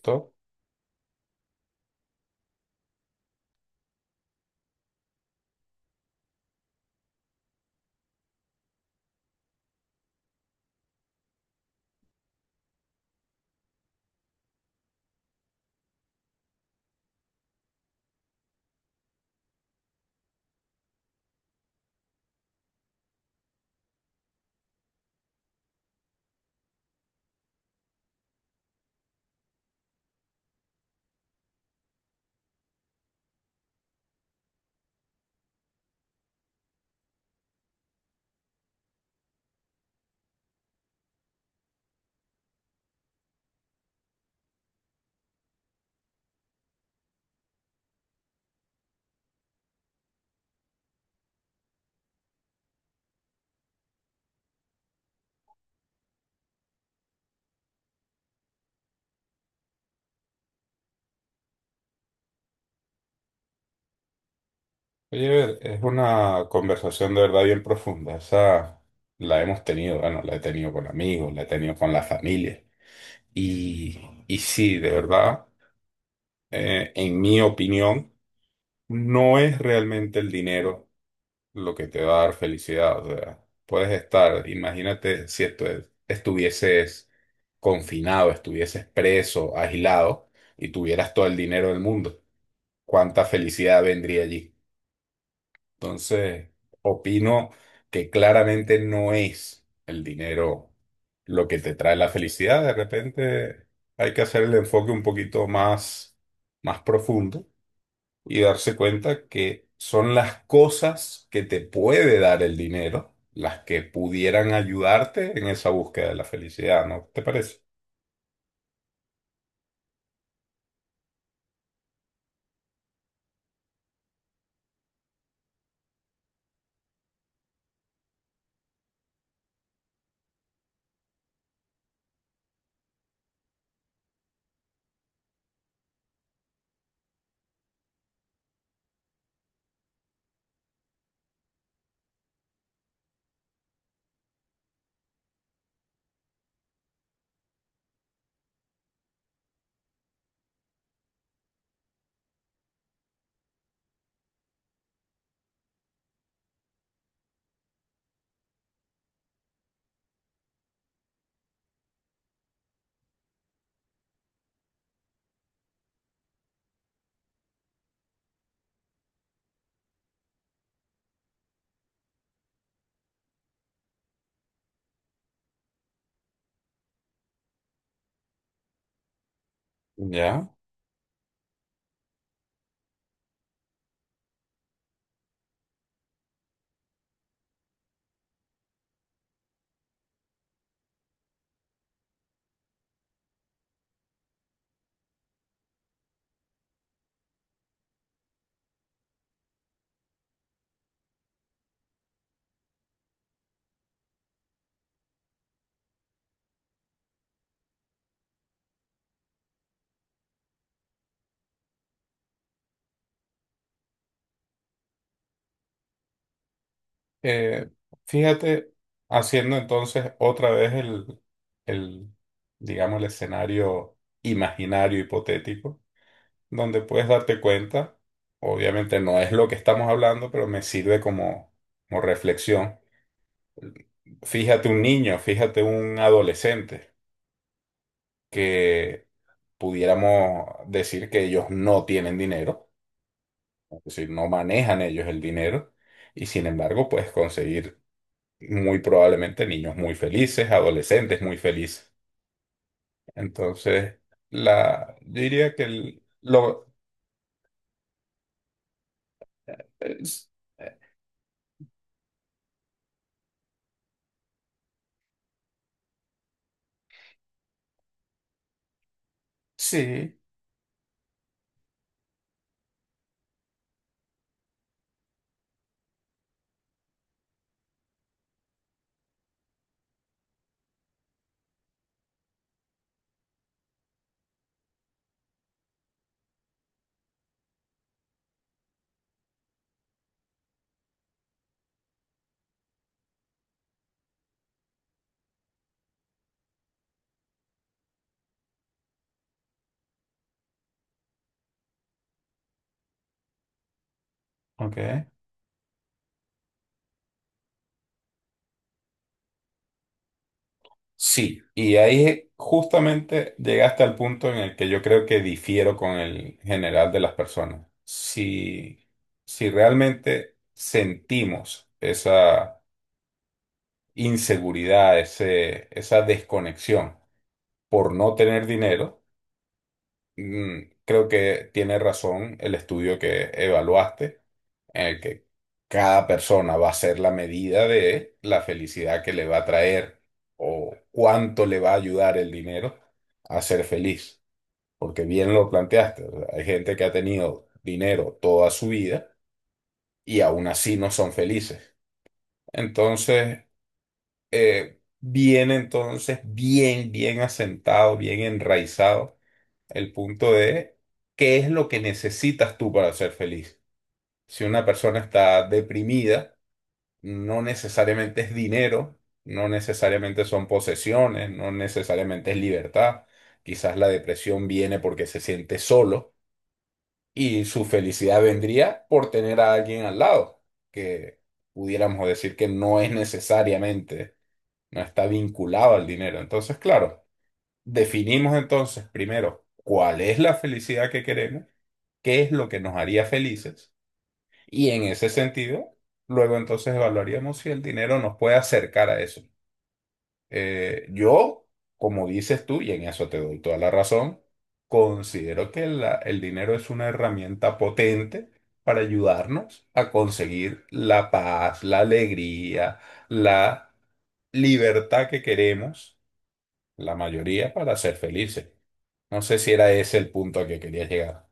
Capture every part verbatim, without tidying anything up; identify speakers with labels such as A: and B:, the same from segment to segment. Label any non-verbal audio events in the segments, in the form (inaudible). A: Perfecto. Oye, es una conversación de verdad bien profunda. Esa la hemos tenido, bueno, la he tenido con amigos, la he tenido con la familia. Y, y sí, de verdad, eh, en mi opinión, no es realmente el dinero lo que te va a dar felicidad. O sea, puedes estar, imagínate si estu- estuvieses confinado, estuvieses preso, aislado y tuvieras todo el dinero del mundo. ¿Cuánta felicidad vendría allí? Entonces, opino que claramente no es el dinero lo que te trae la felicidad. De repente hay que hacer el enfoque un poquito más, más profundo y darse cuenta que son las cosas que te puede dar el dinero las que pudieran ayudarte en esa búsqueda de la felicidad, ¿no te parece? Ya. Eh, fíjate, haciendo entonces otra vez el, el, digamos, el escenario imaginario, hipotético, donde puedes darte cuenta, obviamente no es lo que estamos hablando, pero me sirve como, como reflexión. Fíjate un niño, fíjate un adolescente, que pudiéramos decir que ellos no tienen dinero, es decir, no manejan ellos el dinero, y sin embargo puedes conseguir muy probablemente niños muy felices, adolescentes muy felices. Entonces, la, yo diría que el- lo... es- eh, sí, ok. Sí, y ahí justamente llegaste al punto en el que yo creo que difiero con el general de las personas. Si, si realmente sentimos esa inseguridad, ese, esa desconexión por no tener dinero. Mm, creo que tiene razón el estudio que evaluaste, en el que cada persona va a ser la medida de la felicidad que le va a traer o cuánto le va a ayudar el dinero a ser feliz. Porque bien lo planteaste, o sea, hay gente que ha tenido dinero toda su vida y aún así no son felices. Entonces, eh, bien entonces, bien, bien asentado, bien enraizado el punto de qué es lo que necesitas tú para ser feliz. Si una persona está deprimida, no necesariamente es dinero, no necesariamente son posesiones, no necesariamente es libertad. Quizás la depresión viene porque se siente solo y su felicidad vendría por tener a alguien al lado, que pudiéramos decir que no es necesariamente, no está vinculado al dinero. Entonces, claro, definimos entonces primero cuál es la felicidad que queremos, qué es lo que nos haría felices, y en ese sentido, luego entonces evaluaríamos si el dinero nos puede acercar a eso. Eh, yo, como dices tú, y en eso te doy toda la razón, considero que la- el dinero es una herramienta potente para ayudarnos a conseguir la paz, la alegría, la libertad que queremos, la mayoría, para ser felices. No sé si era ese el punto a que querías llegar.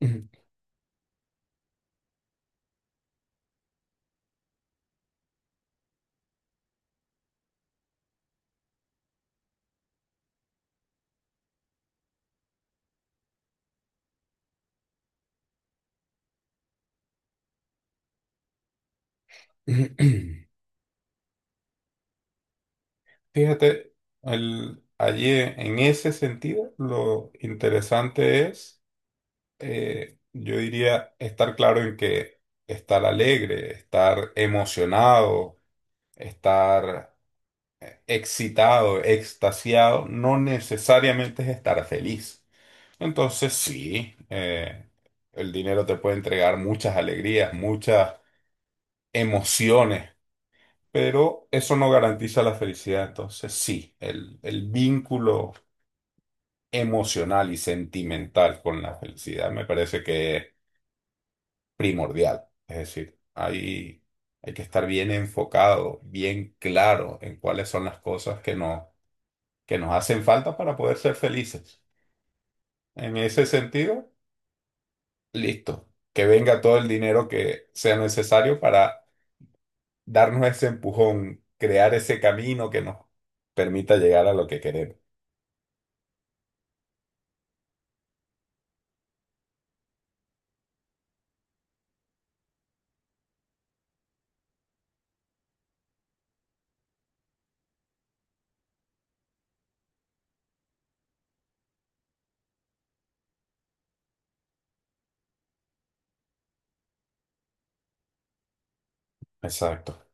A: (laughs) (clears throat) Fíjate, el, allí en ese sentido, lo interesante es, eh, yo diría, estar claro en que estar alegre, estar emocionado, estar excitado, extasiado, no necesariamente es estar feliz. Entonces, sí, eh, el dinero te puede entregar muchas alegrías, muchas emociones, pero eso no garantiza la felicidad. Entonces, sí, el, el vínculo emocional y sentimental con la felicidad me parece que es primordial. Es decir, hay, hay que estar bien enfocado, bien claro en cuáles son las cosas que nos, que nos hacen falta para poder ser felices. En ese sentido, listo, que venga todo el dinero que sea necesario para darnos ese empujón, crear ese camino que nos permita llegar a lo que queremos. Exacto.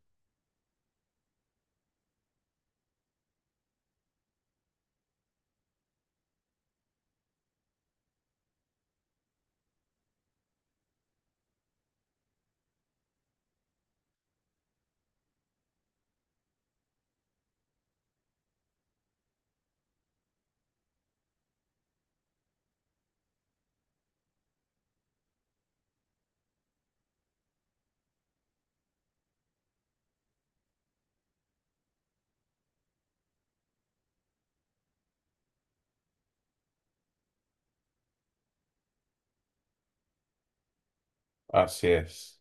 A: Así es.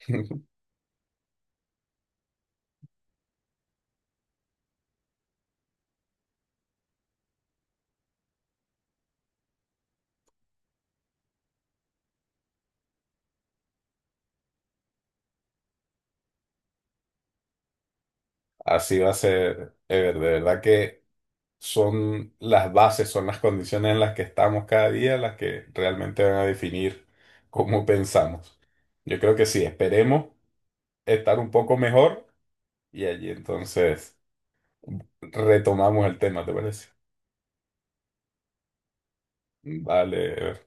A: (laughs) Así va a ser, Ever. De verdad que son las bases, son las condiciones en las que estamos cada día las que realmente van a definir cómo pensamos. Yo creo que sí, esperemos estar un poco mejor y allí entonces retomamos el tema, ¿te parece? Vale, Ever.